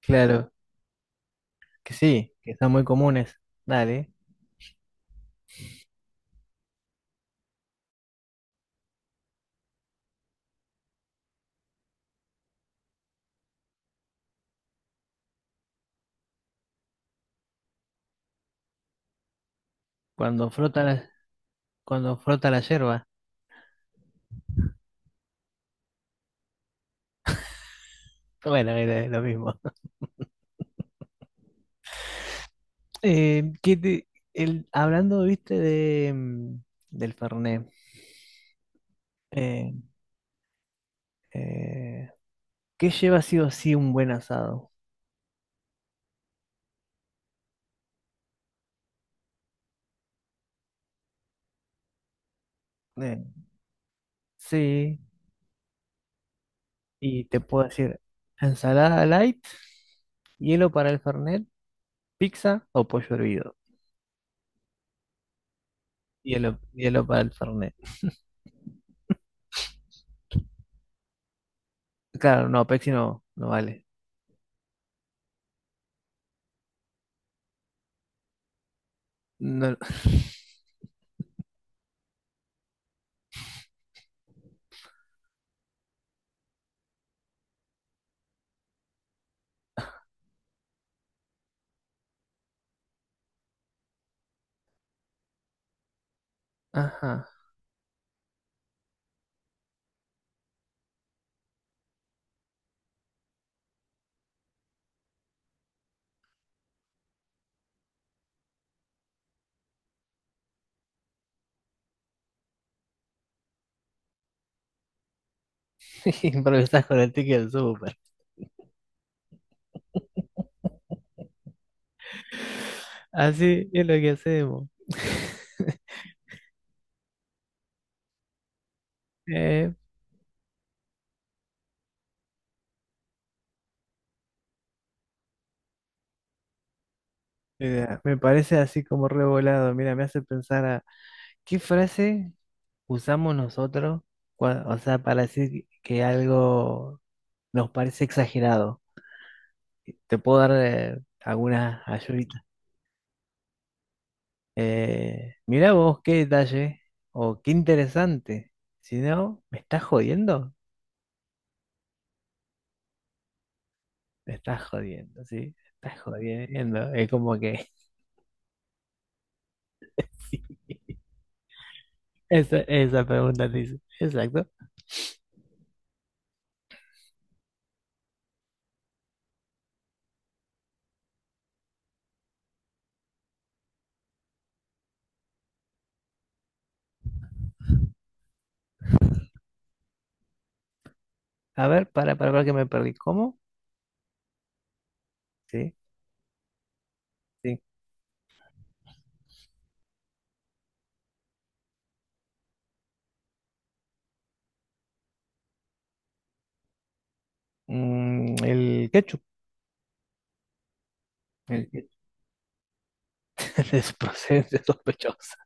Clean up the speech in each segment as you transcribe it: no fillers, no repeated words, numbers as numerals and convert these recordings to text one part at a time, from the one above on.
Claro, que sí, que son muy comunes. Dale, cuando frota cuando frota la yerba. Bueno, era lo mismo. Eh, ¿qué te- hablando, viste, del Fernet, eh, eh, ¿qué lleva sí o sí un buen asado? Eh, sí, y te puedo decir, ensalada light, hielo para el Fernet, pizza o pollo hervido. Hielo para el Fernet. Claro, no, Pepsi no, no vale. No, ajá. Improvisas con el ticket del súper. Así es lo que hacemos. Eh, mira, me parece así como revolado. Mira, me hace pensar a qué frase usamos nosotros, o sea, para decir que algo nos parece exagerado. Te puedo dar algunas ayuditas. Mirá vos qué detalle o qué interesante. Si no, ¿me estás jodiendo? Me estás jodiendo, sí, me estás jodiendo. Es como que. Esa pregunta dice. Exacto. A ver, para que me perdí. ¿Cómo? Sí, sí. Mm, el ketchup. El ketchup es procedencia sospechosa.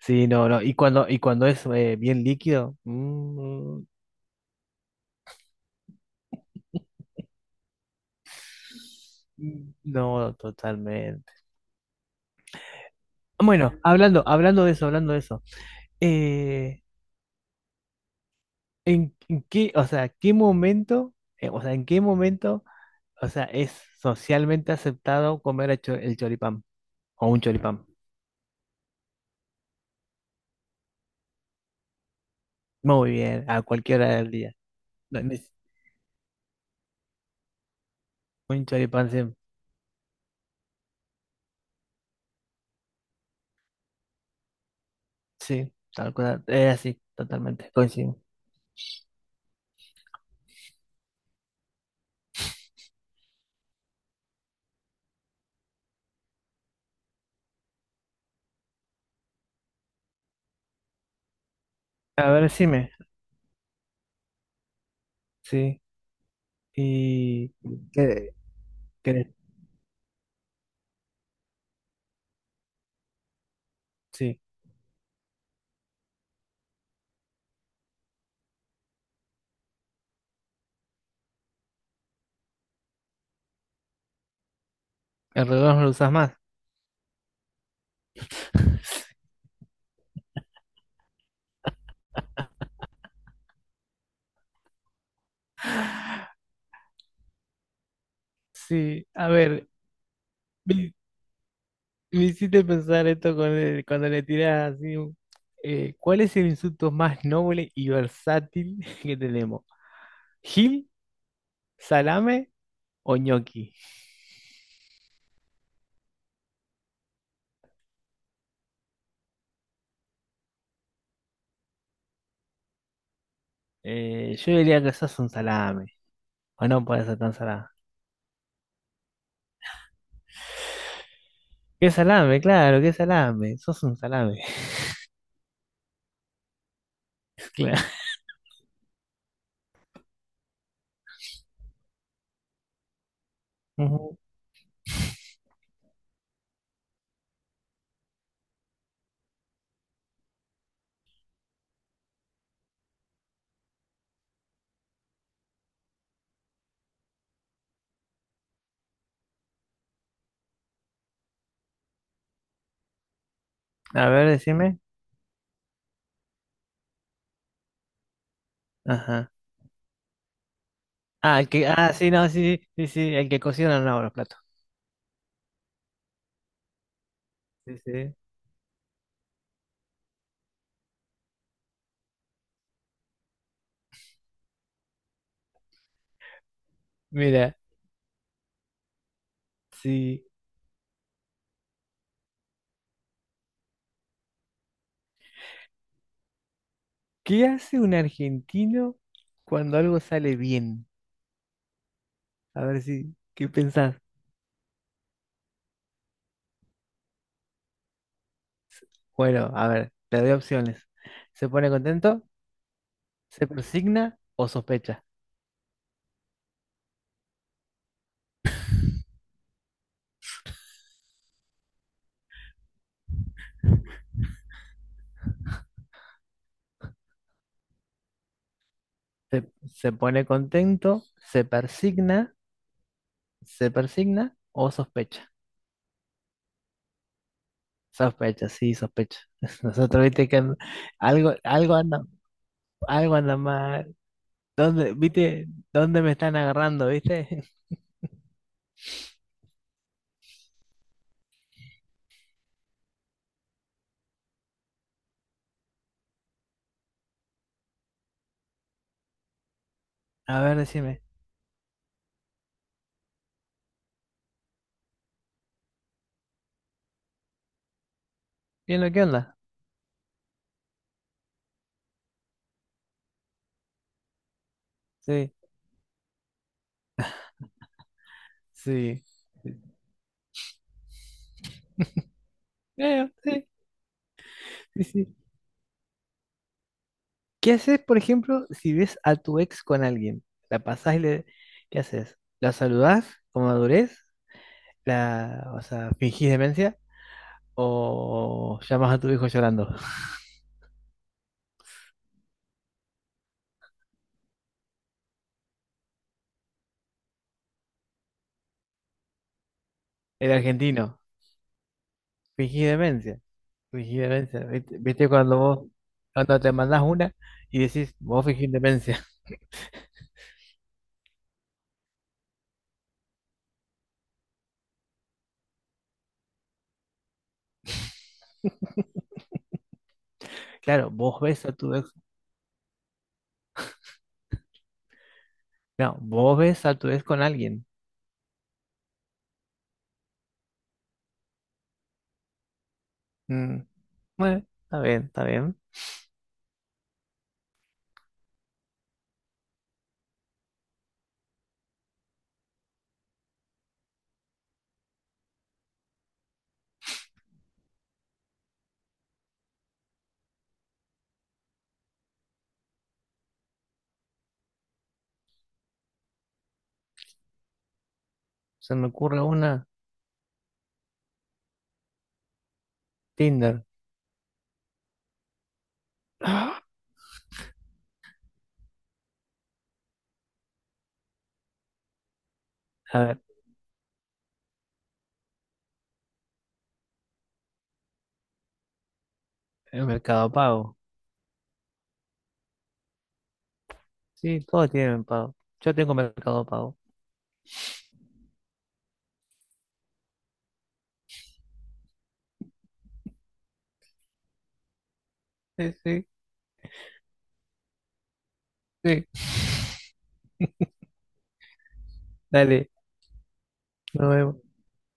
Sí, no, no. Y y cuando es bien líquido, no, totalmente. Bueno, hablando de eso, hablando de eso. eh, en qué, o sea, qué momento, o sea, en qué momento, o sea, es socialmente aceptado comer el choripán o un choripán? Muy bien, a cualquier hora del día. Donde- Un choripán, sí, sí, tal cual. Es así, totalmente, coincido. A ver, decime, sí. ¿Y qué, qué- sí, el reloj no lo usas más. Sí, a ver, me, me hiciste pensar esto con cuando le tirás así. ¿Cuál es el insulto más noble y versátil que tenemos? ¿Gil, salame o ñoqui? Yo diría que sos un salame. O no puede ser tan salame. Qué salame, claro, qué salame. Sos un salame, claro. Ujú. A ver, decime. Ajá. Ah, sí, no, sí, sí, el que cocina no lava los platos. Sí, sí. Mira, sí. ¿Qué hace un argentino cuando algo sale bien? A ver si, ¿qué pensás? Bueno, a ver, te doy opciones. ¿Se pone contento? ¿Se persigna o sospecha? Se pone contento, se persigna o sospecha. Sospecho, sí, sospecho. Nosotros, viste que algo, algo anda mal. ¿Dónde, viste? ¿Dónde me están agarrando, viste? A ver, decime. ¿Bien lo que onda? Sí, sí. Creo, sí, sí, sí. ¿Qué haces, por ejemplo, si ves a tu ex con alguien? ¿La pasás y le... ¿Qué haces? ¿La saludás con madurez? O sea, ¿fingís demencia? ¿O llamas a tu hijo llorando? El argentino, fingís demencia. Fingir demencia. ¿Viste? ¿Viste cuando vos, cuando te mandas una y decís, vos fingís demencia? Claro, vos ves a tu ex. No, vos ves a tu ex con alguien. Mm, Bueno, está bien, está bien. Se me ocurre una, Tinder. A ver, el Mercado Pago. Sí, todos tienen pago. Yo tengo Mercado Pago. Sí, sí, sí. Dale, nos vemos.